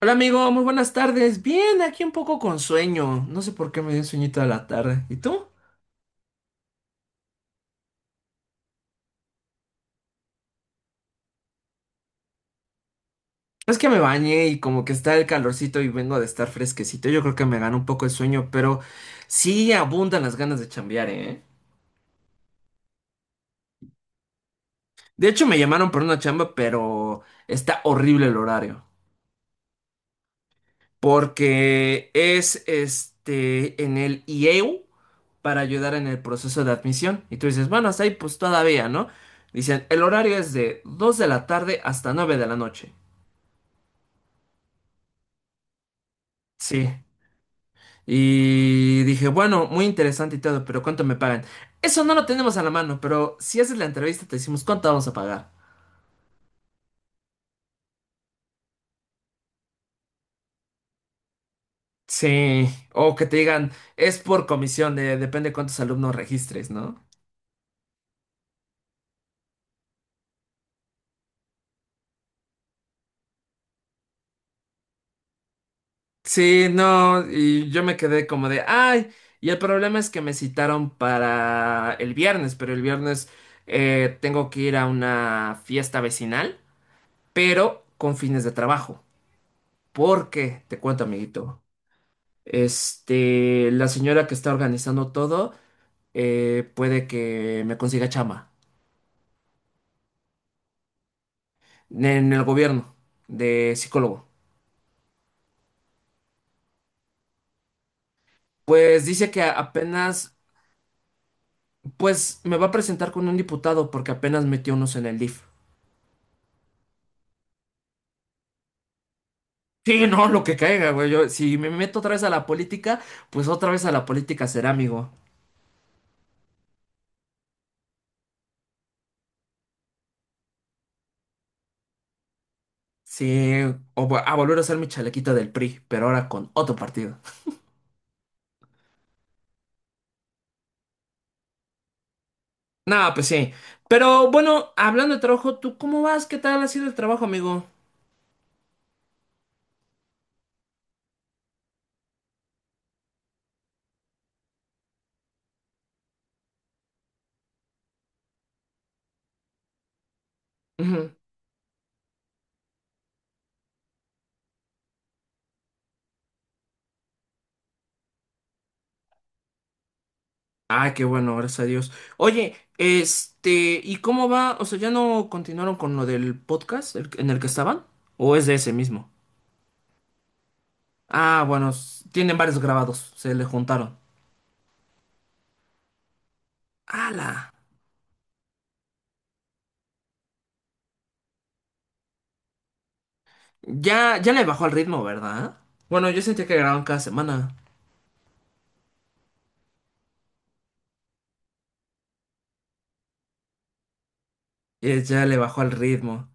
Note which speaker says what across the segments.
Speaker 1: Hola amigo, muy buenas tardes. Bien, aquí un poco con sueño. No sé por qué me dio sueñito a la tarde. ¿Y tú? Es que me bañé y como que está el calorcito y vengo de estar fresquecito. Yo creo que me gana un poco el sueño, pero sí abundan las ganas de chambear, ¿eh? De hecho, me llamaron por una chamba, pero está horrible el horario. Porque es en el IEU para ayudar en el proceso de admisión. Y tú dices, bueno, hasta ahí pues todavía, ¿no? Dicen, el horario es de 2 de la tarde hasta 9 de la noche. Sí. Y dije, bueno, muy interesante y todo, pero ¿cuánto me pagan? Eso no lo tenemos a la mano, pero si haces la entrevista te decimos cuánto vamos a pagar. Sí, o que te digan, es por comisión, depende cuántos alumnos registres, ¿no? Sí, no, y yo me quedé como de, ay, y el problema es que me citaron para el viernes, pero el viernes tengo que ir a una fiesta vecinal, pero con fines de trabajo. Porque, te cuento, amiguito. La señora que está organizando todo puede que me consiga chamba en el gobierno de psicólogo. Pues dice que apenas, pues me va a presentar con un diputado porque apenas metió unos en el DIF. Sí, no, lo que caiga, güey. Yo, si me meto otra vez a la política, pues otra vez a la política será, amigo. Sí, a volver a usar mi chalequita del PRI, pero ahora con otro partido. Nada, pues sí. Pero bueno, hablando de trabajo, ¿tú cómo vas? ¿Qué tal ha sido el trabajo, amigo? Ujú. Ah, qué bueno, gracias a Dios. Oye, ¿y cómo va? O sea, ¿ya no continuaron con lo del podcast en el que estaban? ¿O es de ese mismo? Ah, bueno, tienen varios grabados, se le juntaron. ¡Hala! Ya, ya le bajó al ritmo, ¿verdad? Bueno, yo sentía que grababan cada semana. Y ya le bajó al ritmo.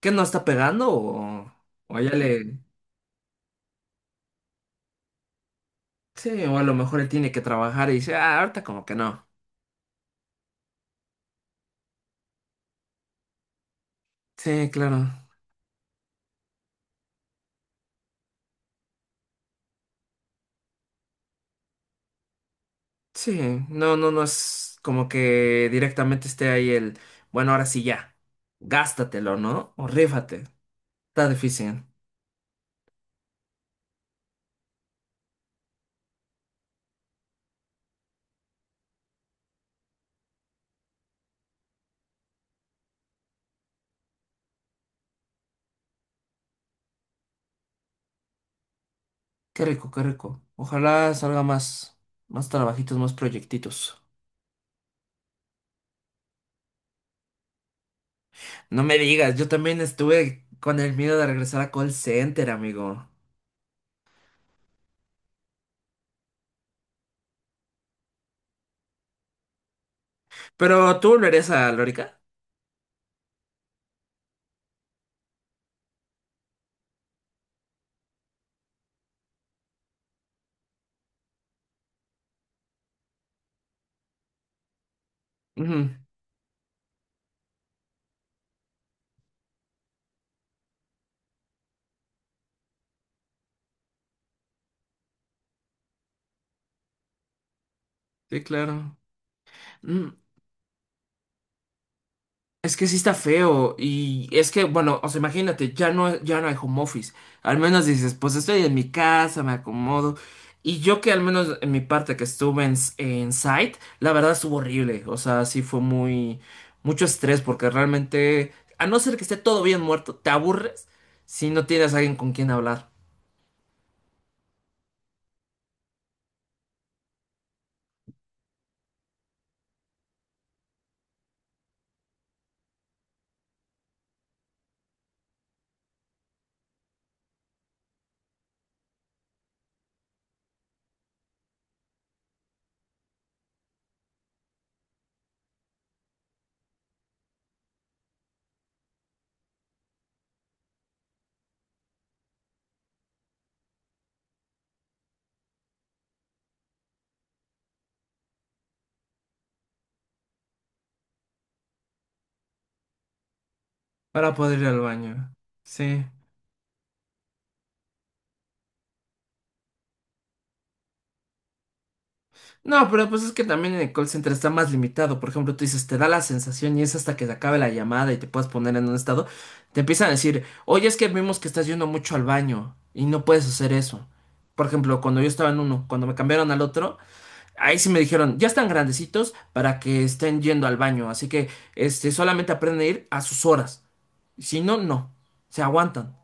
Speaker 1: ¿Qué no está pegando? O ya le. Sí, o a lo mejor él tiene que trabajar y dice, ah, ahorita como que no. Sí, claro. Sí, no es como que directamente esté ahí el, bueno, ahora sí ya, gástatelo, ¿no? O rífate, está difícil. Qué rico, qué rico. Ojalá salga más, más trabajitos, más proyectitos. No me digas, yo también estuve con el miedo de regresar a call center, amigo. ¿Pero tú volverías a Lórica? Ujú. Sí, claro. Mm. Es que sí está feo y es que, bueno, o sea, imagínate, ya no hay home office. Al menos dices, pues estoy en mi casa, me acomodo. Y yo que al menos en mi parte que estuve en, en site, la verdad estuvo horrible. O sea, sí fue muy, mucho estrés porque realmente, a no ser que esté todo bien muerto, te aburres si no tienes a alguien con quien hablar para poder ir al baño. Sí. No, pero pues es que también en el call center está más limitado. Por ejemplo, tú dices, te da la sensación y es hasta que se acabe la llamada y te puedas poner en un estado. Te empiezan a decir, oye, es que vimos que estás yendo mucho al baño y no puedes hacer eso. Por ejemplo, cuando yo estaba en uno, cuando me cambiaron al otro, ahí sí me dijeron, ya están grandecitos para que estén yendo al baño. Así que, solamente aprenden a ir a sus horas. Si no, no. Se aguantan.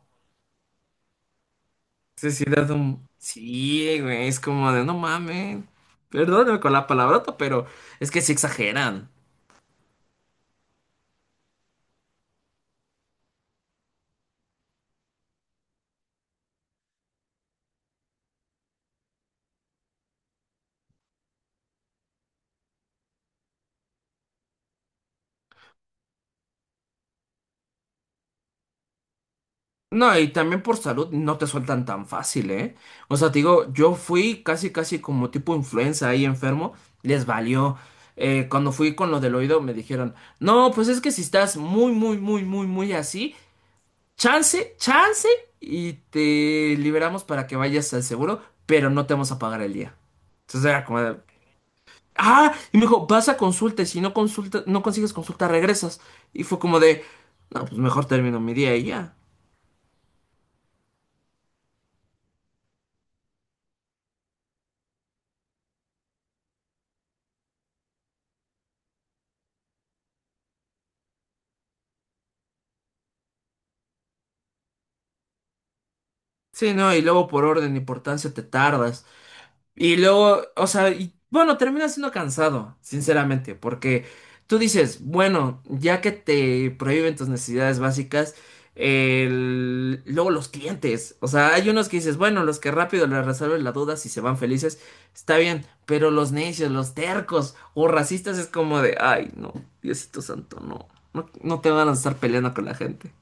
Speaker 1: Sí, sí, sí, güey, es como de no mames. Perdóname con la palabrota, pero es que sí exageran. No, y también por salud no te sueltan tan fácil, ¿eh? O sea, te digo, yo fui casi, casi como tipo influenza ahí enfermo, les valió. Cuando fui con lo del oído me dijeron, no, pues es que si estás muy, muy, muy, muy, muy así, chance, chance, y te liberamos para que vayas al seguro, pero no te vamos a pagar el día. Entonces era como, de, Ah, y me dijo, vas a consulta, y si no consulta, no consigues consulta, regresas. Y fue como de, no, pues mejor termino mi día y ya. Sí, no, y luego por orden de importancia te tardas. Y luego, o sea, y bueno, termina siendo cansado, sinceramente, porque tú dices, bueno, ya que te prohíben tus necesidades básicas, luego los clientes, o sea, hay unos que dices, bueno, los que rápido les resuelven la duda si se van felices, está bien, pero los necios, los tercos o racistas es como de, ay, no, Diosito Santo, no te van a estar peleando con la gente.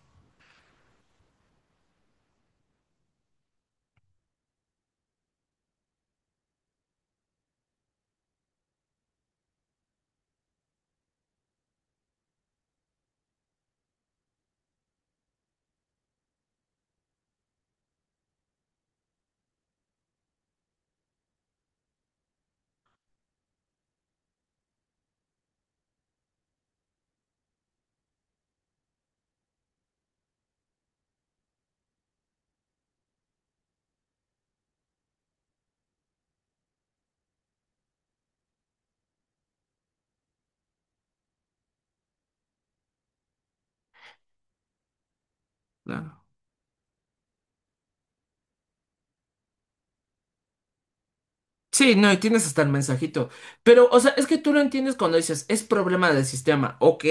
Speaker 1: Claro. Sí, no, y tienes hasta el mensajito. Pero, o sea, es que tú lo entiendes cuando dices, es problema del sistema, ok.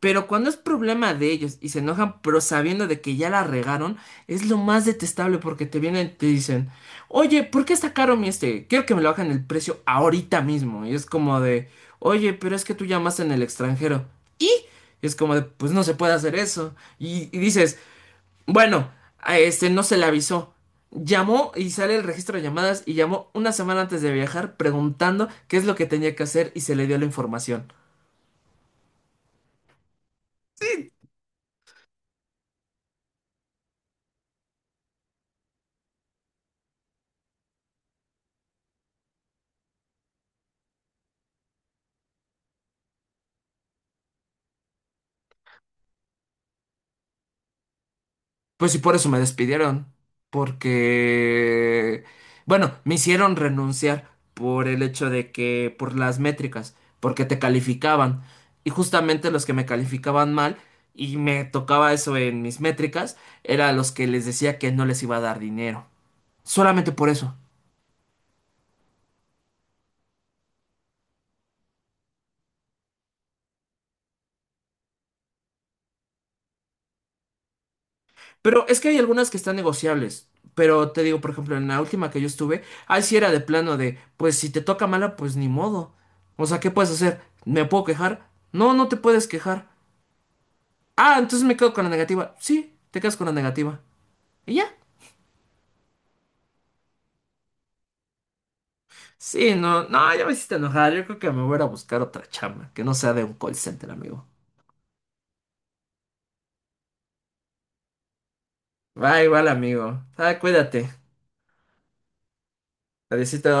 Speaker 1: Pero cuando es problema de ellos y se enojan, pero sabiendo de que ya la regaron, es lo más detestable porque te vienen y te dicen, oye, ¿por qué está caro mi este? Quiero que me lo bajen el precio ahorita mismo. Y es como de, oye, pero es que tú llamas en el extranjero. Y es como de, pues no se puede hacer eso. Y dices, bueno, a este no se le avisó. Llamó y sale el registro de llamadas y llamó una semana antes de viajar preguntando qué es lo que tenía que hacer y se le dio la información. Sí. Pues sí por eso me despidieron. Porque... Bueno, me hicieron renunciar por el hecho de que... por las métricas, porque te calificaban. Y justamente los que me calificaban mal y me tocaba eso en mis métricas, era los que les decía que no les iba a dar dinero. Solamente por eso. Pero es que hay algunas que están negociables. Pero te digo, por ejemplo, en la última que yo estuve, ahí sí era de plano de, pues si te toca mala, pues ni modo. O sea, ¿qué puedes hacer? ¿Me puedo quejar? No, no te puedes quejar. Ah, entonces me quedo con la negativa. Sí, te quedas con la negativa. Y ya. Sí, no, no, ya me hiciste enojar. Yo creo que me voy a ir a buscar otra chamba, que no sea de un call center, amigo. Bye, igual, amigo. Ah, cuídate. Adiósito.